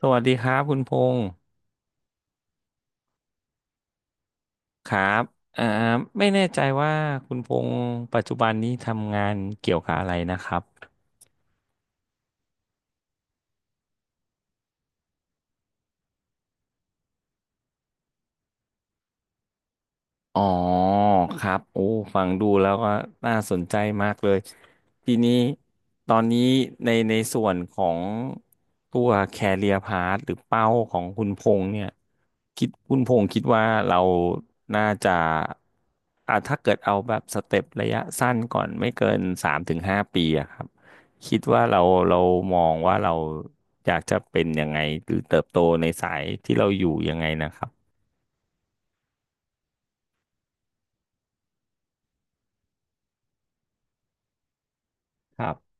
สวัสดีครับคุณพงศ์ครับอ่าไม่แน่ใจว่าคุณพงศ์ปัจจุบันนี้ทำงานเกี่ยวกับอะไรนะครับ อ๋อครับโอ้ฟังดูแล้วก็น่าสนใจมากเลยทีนี้ตอนนี้ในส่วนของตัวแคเรียพาธหรือเป้าของคุณพงษ์เนี่ยคุณพงษ์คิดว่าเราน่าจะอ่ะถ้าเกิดเอาแบบสเต็ประยะสั้นก่อนไม่เกินสามถึงห้าปีอะครับคิดว่าเราเรามองว่าเราอยากจะเป็นยังไงหรือเติบโตในสายที่เราอยู่ยังไงนะครับครับ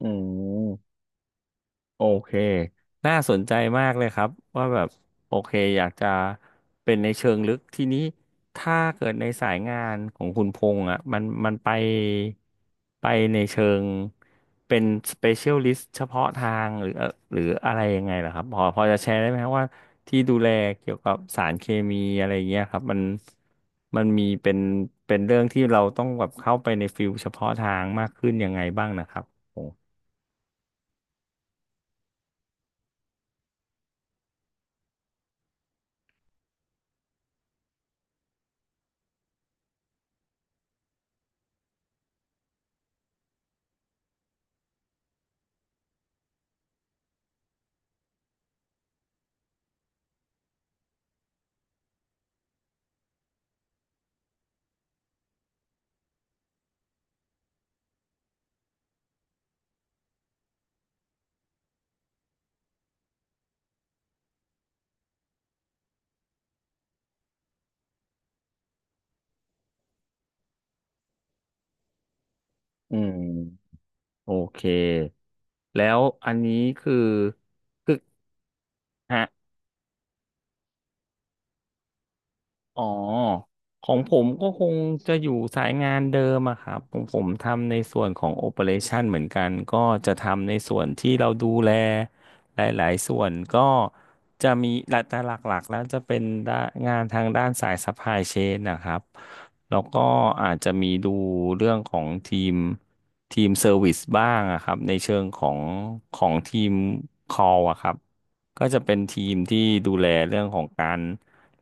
อืม โอเค น่าสนใจมากเลยครับว่าแบบโอเคอยากจะเป็นในเชิงลึกทีนี้ถ้าเกิดในสายงานของคุณพงษ์อ่ะมันไปในเชิงเป็น specialist เฉพาะทางหรือหรืออะไรยังไงเหรอครับพอจะแชร์ได้ไหมครับว่าที่ดูแลเกี่ยวกับสารเคมีอะไรอย่างเงี้ยครับมันมีเป็นเรื่องที่เราต้องแบบเข้าไปในฟิลเฉพาะทางมากขึ้นยังไงบ้างนะครับผมอืม โอเคแล้วอันนี้คือคือฮะ อ๋อของผมก็คงจะอยู่สายงานเดิมอะครับผมทำในส่วนของโอ e r a t i o n เหมือนกันก็จะทำในส่วนที่เราดูแลหลายๆส่วนก็จะมีหลักแต่หลักๆแล้วจะเป็นด้านงานทางด้านสาย supply chain นะครับแล้วก็อาจจะมีดูเรื่องของทีมเซอร์วิสบ้างอะครับในเชิงของของทีม call อะครับก็จะเป็นทีมที่ดูแลเรื่องของการ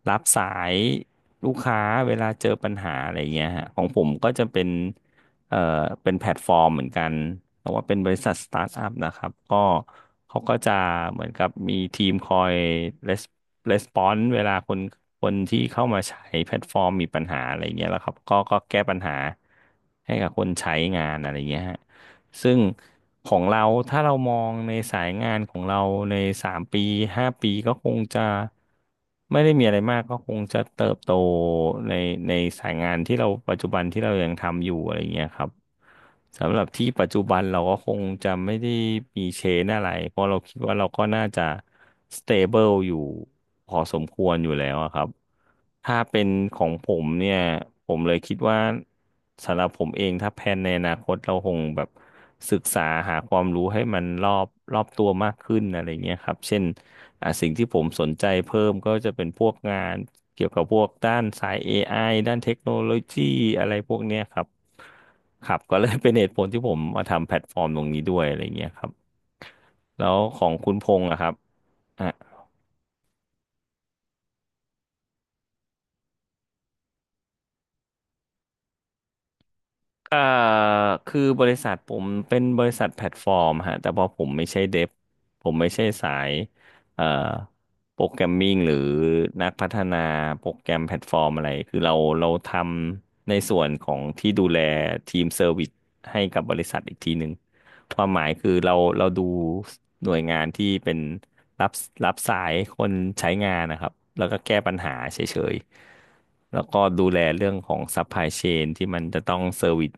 รับสายลูกค้าเวลาเจอปัญหาอะไรเงี้ยฮะของผมก็จะเป็นเอ่อเป็นแพลตฟอร์มเหมือนกันแต่ว่าเป็นบริษัทสตาร์ทอัพนะครับก็เขาก็จะเหมือนกับมีทีมคอยレスปอนส์เวลาคนที่เข้ามาใช้แพลตฟอร์มมีปัญหาอะไรเงี้ยแล้วครับก็แก้ปัญหาให้กับคนใช้งานอะไรเงี้ยฮะ ซึ่งของเราถ้าเรามองในสายงานของเราในสามปีห้าปีก็คงจะไม่ได้มีอะไรมากก็คงจะเติบโตในในสายงานที่เราปัจจุบันที่เรายังทำอยู่อะไรเงี้ยครับสำหรับที่ปัจจุบันเราก็คงจะไม่ได้มีเชนอะไรเพราะเราคิดว่าเราก็น่าจะสเตเบิลอยู่พอสมควรอยู่แล้วอะครับ ถ้าเป็นของผมเนี่ยผมเลยคิดว่าสำหรับผมเองถ้าแพลนในอนาคตเราคงแบบศึกษาหาความรู้ให้มันรอบตัวมากขึ้นอะไรเงี้ยครับเช่นอ่ะสิ่งที่ผมสนใจเพิ่มก็จะเป็นพวกงานเกี่ยวกับพวกด้านสาย AI ด้านเทคโนโลยีอะไรพวกเนี้ยครับครับก็เลยเป็นเหตุผลที่ผมมาทำแพลตฟอร์มตรงนี้ด้วยอะไรเงี้ยครับแล้วของคุณพงษ์อะครับ เอ่อคือบริษัทผมเป็นบริษัทแพลตฟอร์มฮะแต่พอผมไม่ใช่เดฟผมไม่ใช่สายเอ่อโปรแกรมมิ่งหรือนักพัฒนาโปรแกรมแพลตฟอร์มอะไรคือเราทำในส่วนของที่ดูแลทีมเซอร์วิสให้กับบริษัทอีกทีหนึ่งความหมายคือเราดูหน่วยงานที่เป็น รับรับสายคนใช้งานนะครับแล้วก็แก้ปัญหาเฉยๆแล้วก็ดูแลเรื่องของซัพพลายเชนที่มันจะต้องเซอร์วิส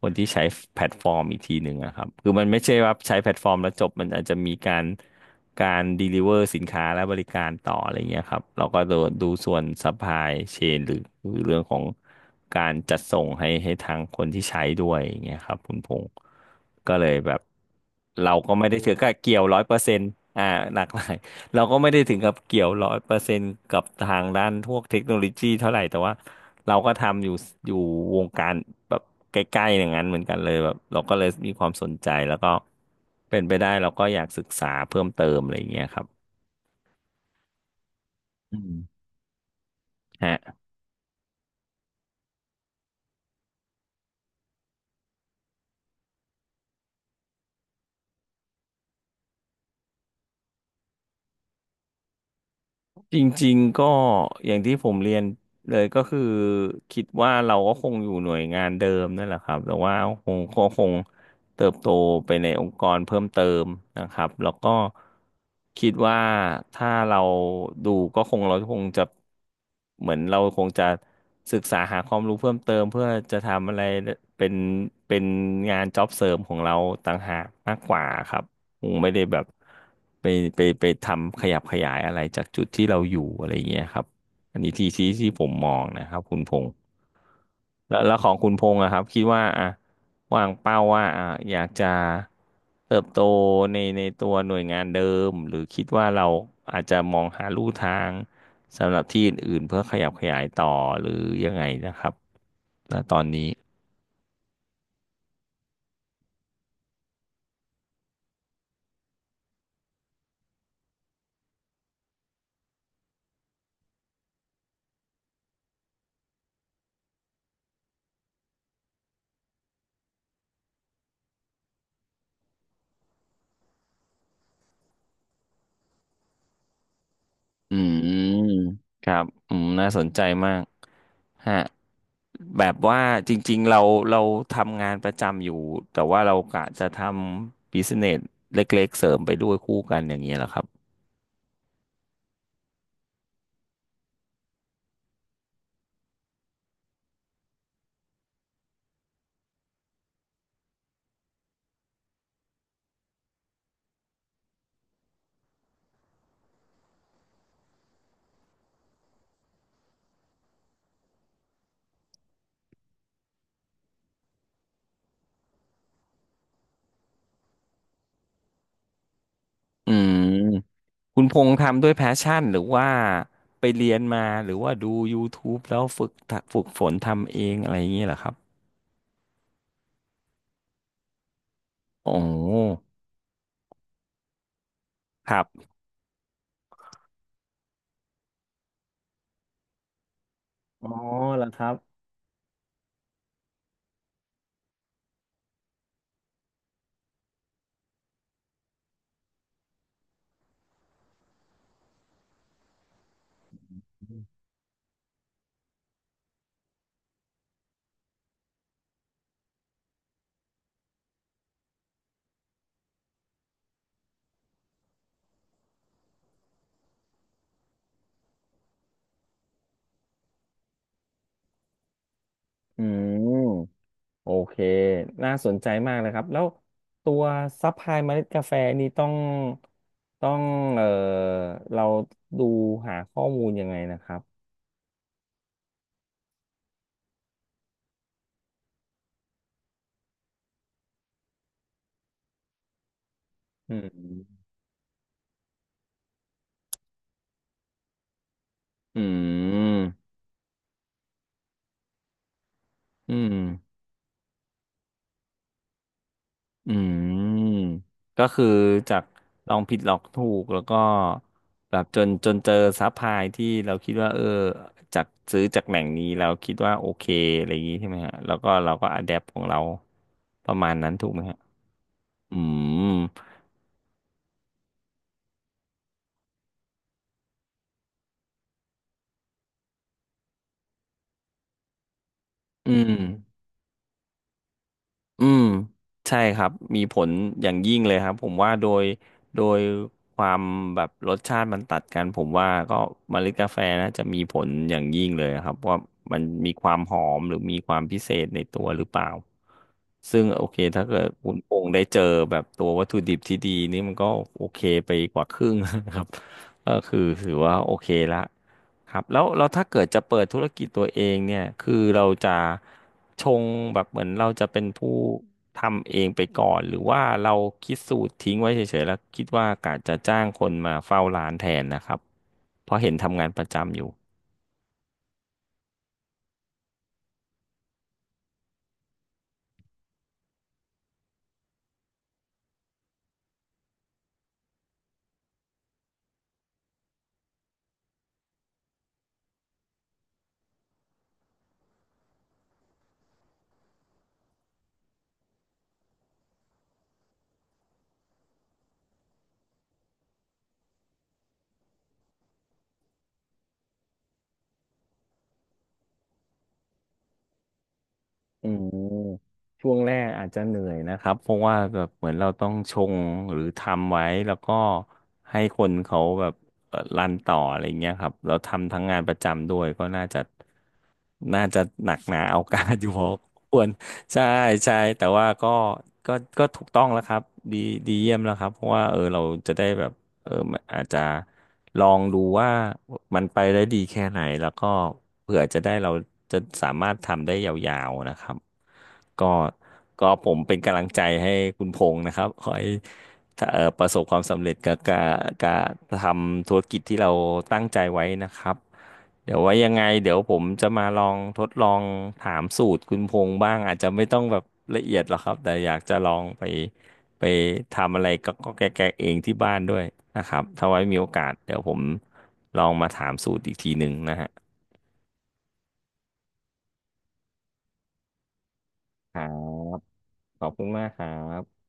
คนที่ใช้แพลตฟอร์มอีกทีหนึ่งนะครับคือมันไม่ใช่ว่าใช้แพลตฟอร์มแล้วจบมันอาจจะมีการการด e ลิเวอร์สินค้าและบริการต่ออะไรเงี้ยครับเราก็ดูส่วนซัพพลายเชนหรือหรือเรื่องของการจัดส่งให้ทางคนที่ใช้ด้วยอย่างเงี้ยครับคุณพงษ์ก็เลยแบบ เราก็ไม่ได้ถือกับเกี่ยวร้อยเปอร์เซ็นต์อ่าหลากหลาย เราก็ไม่ได้ถึงกับเกี่ยวร้อยเปอร์เซ็นต์กับทางด้านพวกเทคโนโลยีเท่าไหร่แต่ว่าเราก็ทำอยู่วงการแบบใกล้ๆอย่างนั้นเหมือนกันเลยแบบเราก็เลยมีความสนใจแล้วก็เป็นไปได้เราก็อยากศึกษาเพิ่มเติมอะไรอย่างเงี้ยครับอืมฮะ จริงๆก็อย่างที่ผมเรียนเลยก็คือคิดว่าเราก็คงอยู่หน่วยงานเดิมนั่นแหละครับแต่ว่าก็คงเติบโตไปในองค์กรเพิ่มเติมนะครับแล้วก็คิดว่าถ้าเราดูก็คงเราคงจะเหมือนเราคงจะศึกษาหาความรู้เพิ่มเติมเพื่อจะทำอะไรเป็นเป็นงานจ็อบเสริมของเราต่างหากมากกว่าครับ คงไม่ได้แบบไปไปทำขยับขยายอะไรจากจุดที่เราอยู่อะไรอย่างเงี้ยครับอันนี้ที่ผมมองนะครับคุณพงษ์แล้วของคุณพงษ์อะครับคิดว่าอะวางเป้าว่าอะอยากจะเติบโตในตัวหน่วยงานเดิมหรือคิดว่าเราอาจจะมองหาลู่ทางสำหรับที่อื่นๆเพื่อขยับขยายต่อหรือยังไงนะครับณตอนนี้ อืมครับอืมน่าสนใจมากฮะแบบว่าจริงๆเราทำงานประจำอยู่แต่ว่าเรากะจะทำบิสเนสเล็กๆเสริมไปด้วยคู่กันอย่างเงี้ยเหรอครับอืมคุณพงษ์ทำด้วยแพชชั่นหรือว่าไปเรียนมาหรือว่าดู YouTube แล้วฝึกฝึกฝนทำเองอะไรอย่างเงี้ยเหรอครับโอ้ครับอ๋อเหรอครับอืม โอเคน่าสนใจมากเลยครับ แล้วตัวซัพพลายเมล็ดกาแฟนี่ต้องเอ่อเราดูหาข้อมูลยังไงนะครับ อืมอืมอืมอืมก็คือจากลองผิดลองถูกแล้วก็แบบจนเจอซัพพลายที่เราคิดว่าเออจากซื้อจากแหล่งนี้เราคิดว่าโอเคอะไรอย่างนี้ใช่ไหมฮะแล้วก็เราก็อะแดปของเราประมาณนั้นถูกไหมฮะอืมอืม อืมใช่ครับมีผลอย่างยิ่งเลยครับผมว่าโดยความแบบรสชาติมันตัดกันผมว่าก็เมล็ดกาแฟนะจะมีผลอย่างยิ่งเลยครับว่ามันมีความหอมหรือมีความพิเศษในตัวหรือเปล่าซึ่งโอเคถ้าเกิดคุณพงษ์ได้เจอแบบตัววัตถุดิบที่ดีนี่มันก็โอเคไปกว่าครึ่งนะครับก็คือถือว่าโอเคละ ครับแล้วเราถ้าเกิดจะเปิดธุรกิจตัวเองเนี่ยคือเราจะชงแบบเหมือนเราจะเป็นผู้ทำเองไปก่อนหรือว่าเราคิดสูตรทิ้งไว้เฉยๆแล้วคิดว่ากะจะจ้างคนมาเฝ้าร้านแทนนะครับเพราะเห็นทำงานประจำอยู่ อืมช่วงแรกอาจจะเหนื่อยนะครับเพราะว่าแบบเหมือนเราต้องชงหรือทำไว้แล้วก็ให้คนเขาแบบรันต่ออะไรเงี้ยครับเราทำทั้งงานประจำด้วยก็น่าจะหนักหนาเอาการอยู่พอ ควรใช่ใช่แต่ว่าก็ก็ถูกต้องแล้วครับดีดีเยี่ยมแล้วครับเพราะว่าเออเราจะได้แบบ เออมันอาจจะลองดูว่ามันไปได้ดีแค่ไหนแล้วก็เผื่อจะได้เราจะสามารถทำได้ยาวๆนะครับก็ก็ผมเป็นกำลังใจให้คุณพงษ์นะครับขอให้ถ้าประสบความสำเร็จกับการทำธุรกิจที่เราตั้งใจไว้นะครับเดี๋ยวไว้ยังไงเดี๋ยวผมจะมาลองทดลองถามสูตรคุณพงษ์บ้างอาจจะไม่ต้องแบบละเอียดหรอกครับแต่อยากจะลองไปทำอะไรก็แกะๆเองที่บ้านด้วยนะครับถ้าไว้มีโอกาสเดี๋ยวผมลองมาถามสูตรอีกทีหนึ่งนะฮะครับขอบคุณมากครับ